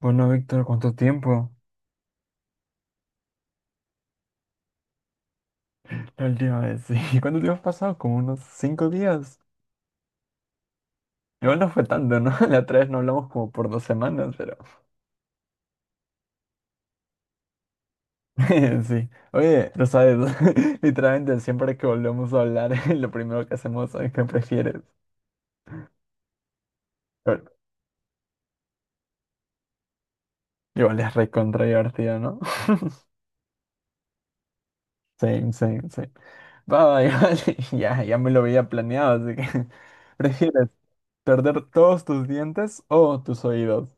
Bueno, Víctor, ¿cuánto tiempo? El día de sí. ¿Cuánto tiempo has pasado? Como unos cinco días. Igual no fue tanto, ¿no? La otra vez no hablamos como por dos semanas, pero... Sí. Oye, lo sabes, literalmente siempre que volvemos a hablar, lo primero que hacemos es que prefieres. Pero igual es recontra divertido, ¿no? Same, same, same. Va, igual, ya me lo había planeado, así que... ¿Prefieres perder todos tus dientes o tus oídos?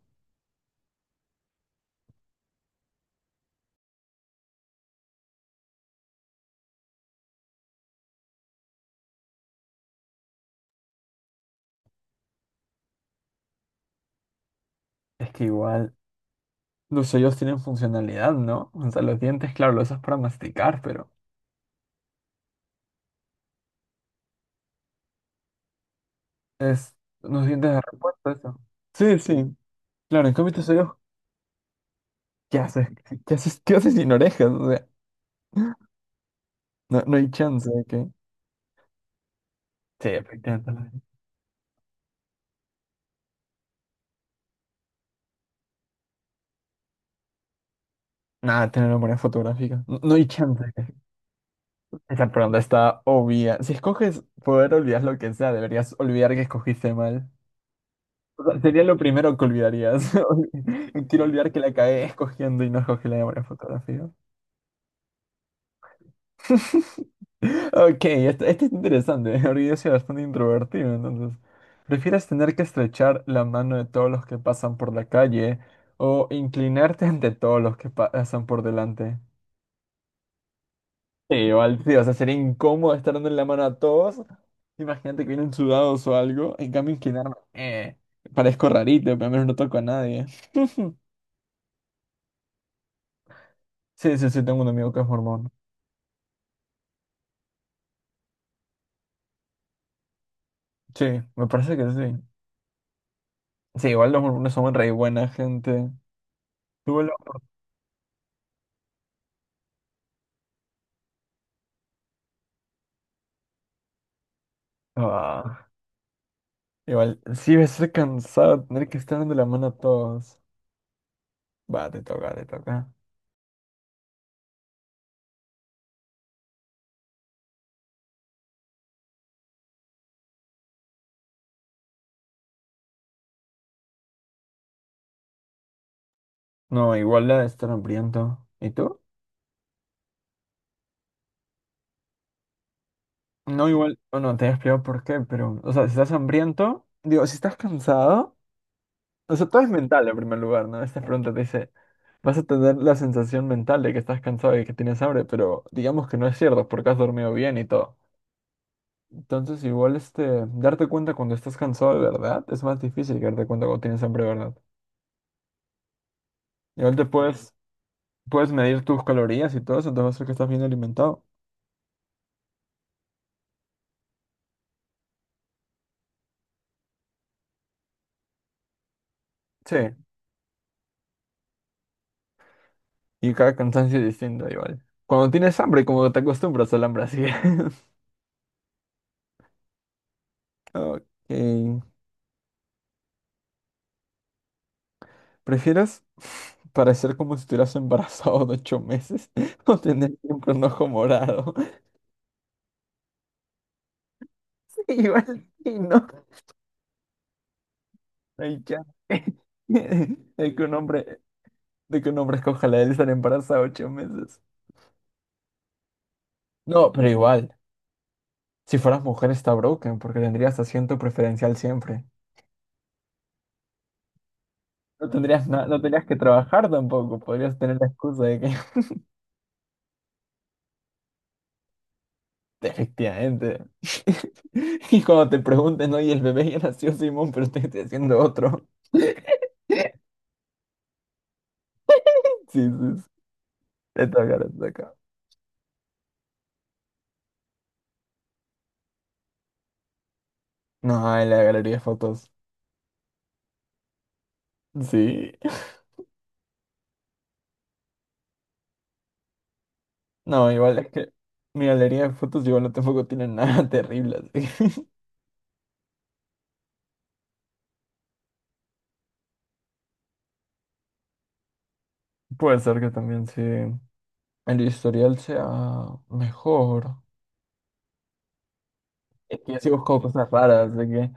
Es que igual, los sellos tienen funcionalidad, ¿no? O sea, los dientes, claro, los usas para masticar, pero es unos dientes de repuesto eso. Sí, sí, claro, en cambio tus sellos, ¿qué haces? ¿Qué haces? ¿Qué haces sin orejas? O sea, no hay chance de que... Sí, efectivamente. Nada, tener memoria fotográfica. No, no hay chance Esa pregunta está obvia. Si escoges poder olvidar lo que sea, deberías olvidar que escogiste mal. O sea, sería lo primero que olvidarías. Quiero olvidar que la cagué escogiendo y no escogí la memoria fotográfica. Ok, este es interesante, porque yo soy bastante introvertido, entonces, ¿prefieres tener que estrechar la mano de todos los que pasan por la calle o inclinarte ante todos los que pasan por delante? Sí, igual, tío, o sea, sería incómodo estar dando la mano a todos. Imagínate que vienen sudados o algo, en cambio inclinarme, parezco rarito, pero al menos no toco a nadie. Sí, sí, sí, tengo un amigo que es mormón. Sí, me parece que sí. Sí, igual los mormones son re buena gente. Tú, Ah. Igual, sí va a ser cansado tener que estar dando la mano a todos. Va, te toca. No, igual la de estar hambriento. ¿Y tú? No, igual, o no, te he explicado por qué, pero, o sea, si estás hambriento, digo, si estás cansado, o sea, todo es mental en primer lugar, ¿no? Esta pregunta te dice, vas a tener la sensación mental de que estás cansado y que tienes hambre, pero digamos que no es cierto porque has dormido bien y todo. Entonces, igual, este, darte cuenta cuando estás cansado de verdad es más difícil que darte cuenta cuando tienes hambre de verdad. Igual te puedes puedes medir tus calorías y todo eso, te va a hacer que estás bien alimentado. Sí, y cada cansancio es distinto igual. Cuando tienes hambre, como te acostumbras al hambre así. Ok. ¿Prefieres parecer como si estuvieras embarazado de ocho meses o tener siempre un ojo morado? Igual, y no. Ay, ya. De que un hombre, de que un hombre escoja la de estar embarazado ocho meses. No, pero igual, si fueras mujer está broken porque tendrías asiento preferencial siempre. No tendrías, no tendrías que trabajar tampoco, podrías tener la excusa de que efectivamente. Y cuando te pregunten, oye, el bebé ya nació Simón, pero estoy haciendo otro. Sí, sí, sí. Te toca. No, en la galería de fotos. Sí. No, igual es que mi galería de fotos igual no tampoco tiene nada terrible, así que. Puede ser que también sí el historial sea mejor. Es que yo sí busco cosas raras, así que...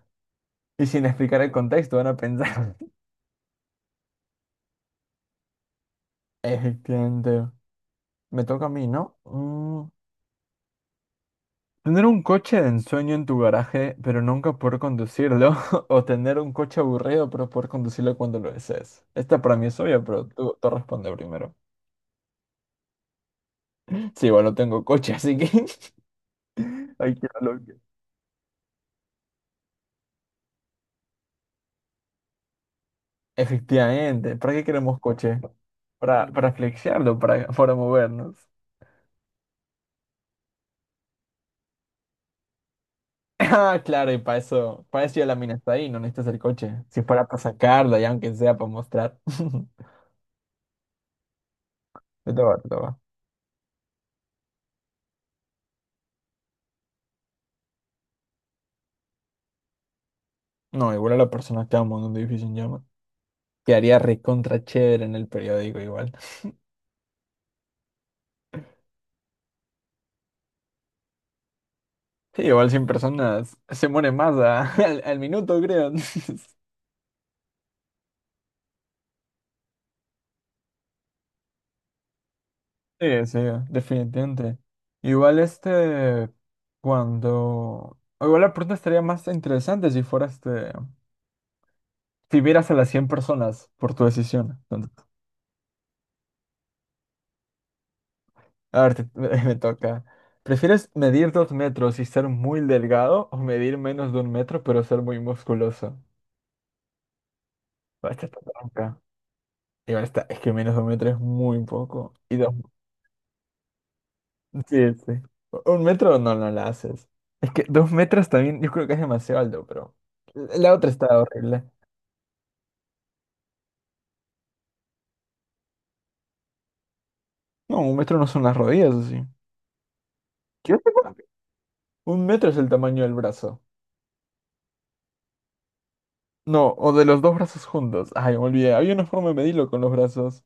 Y sin explicar el contexto van a pensar. Entiendo. Me toca a mí, ¿no? Mm, Tener un coche de ensueño en tu garaje, pero nunca poder conducirlo. O tener un coche aburrido, pero poder conducirlo cuando lo desees. Esta para mí es obvia, pero tú responde primero. Sí, igual no tengo coche, así que... Ay, efectivamente. ¿Para qué queremos coche? Para flexiarlo, para movernos. Ah, claro, y para eso ya la mina está ahí, no necesitas el coche. Si es para sacarla, ya aunque sea para mostrar. Te toca. No, igual a la persona que amo en un edificio en llamas. Quedaría recontra chévere en el periódico igual. Sí, igual 100 personas se mueren más al, al minuto, creo. Sí, sí, definitivamente. Igual este, cuando... o igual la pregunta estaría más interesante si fuera este... Si vieras a las 100 personas por tu decisión. Entonces, a ver, me toca. ¿Prefieres medir dos metros y ser muy delgado o medir menos de un metro pero ser muy musculoso? Ah, esta está tronca. Igual está, es que menos de un metro es muy poco. Y dos, sí, sí. Un metro no la haces. Es que dos metros también, yo creo que es demasiado alto, pero la otra está horrible. No, un metro no son las rodillas, así. ¿Qué? Un metro es el tamaño del brazo. No, o de los dos brazos juntos. Ay, me olvidé. Había una forma de medirlo con los brazos.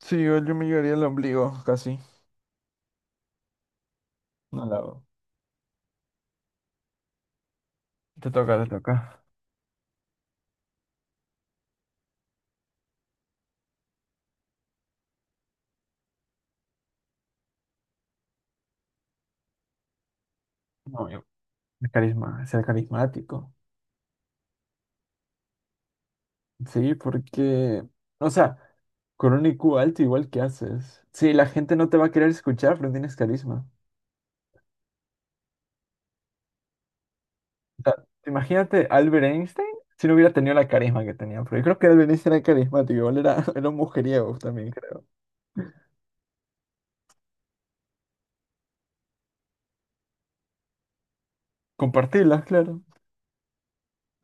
Sí, igual yo me llegaría al ombligo, casi. No la hago. Te toca. No, yo- el carisma, ser carismático. Sí, porque, o sea, con un IQ alto, igual que haces. Sí, la gente no te va a querer escuchar, pero tienes carisma. O sea, imagínate Albert Einstein si no hubiera tenido la carisma que tenía. Pero yo creo que Albert Einstein era carismático, igual era, era un mujeriego también, creo. Compartirlas, claro.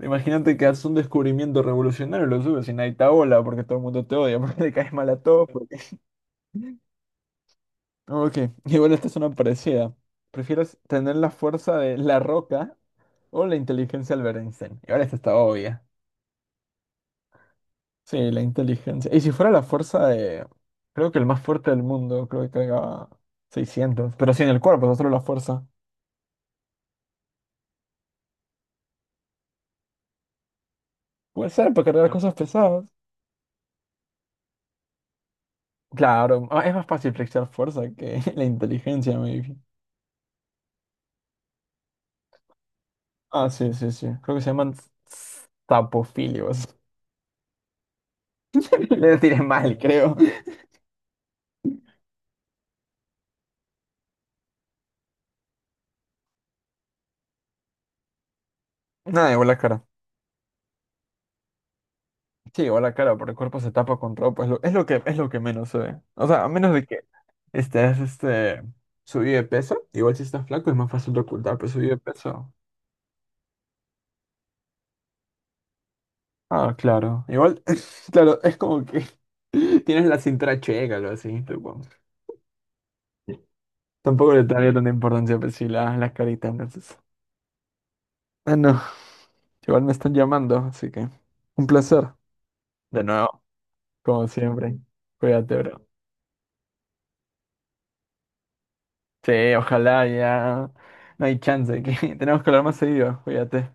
Imagínate que haces un descubrimiento revolucionario y lo subes y nadie te abola porque todo el mundo te odia, porque le caes mal a todos. Porque... Ok, igual esta es una parecida. ¿Prefieres tener la fuerza de La Roca o la inteligencia de Albert Einstein? Y ahora esta está obvia. Sí, la inteligencia. Y si fuera la fuerza de... Creo que el más fuerte del mundo, creo que cargaba seiscientos, pero sin el cuerpo, no solo la fuerza. Puede ser, para cargar claro, cosas pesadas. Claro, ah, es más fácil flexionar fuerza que la inteligencia, maybe. Ah, sí, sí, sí. Creo que se llaman tapofilios. Le tiré mal, creo. Nada, igual la cara. Sí, igual la cara, porque el cuerpo se tapa con ropa. Es lo que menos se ve. O sea, a menos de que estés este, subido de peso. Igual si estás flaco es más fácil de ocultar, pero subido de peso. Ah, claro. Igual, claro, es como que tienes la cintura checa, algo así, tipo. Tampoco le daría tanta importancia, pero sí, las caritas, entonces. Ah, no. Igual me están llamando, así que un placer. De nuevo. Como siempre. Cuídate, bro. Sí, ojalá ya. No hay chance. Que... Tenemos que hablar más seguido. Cuídate.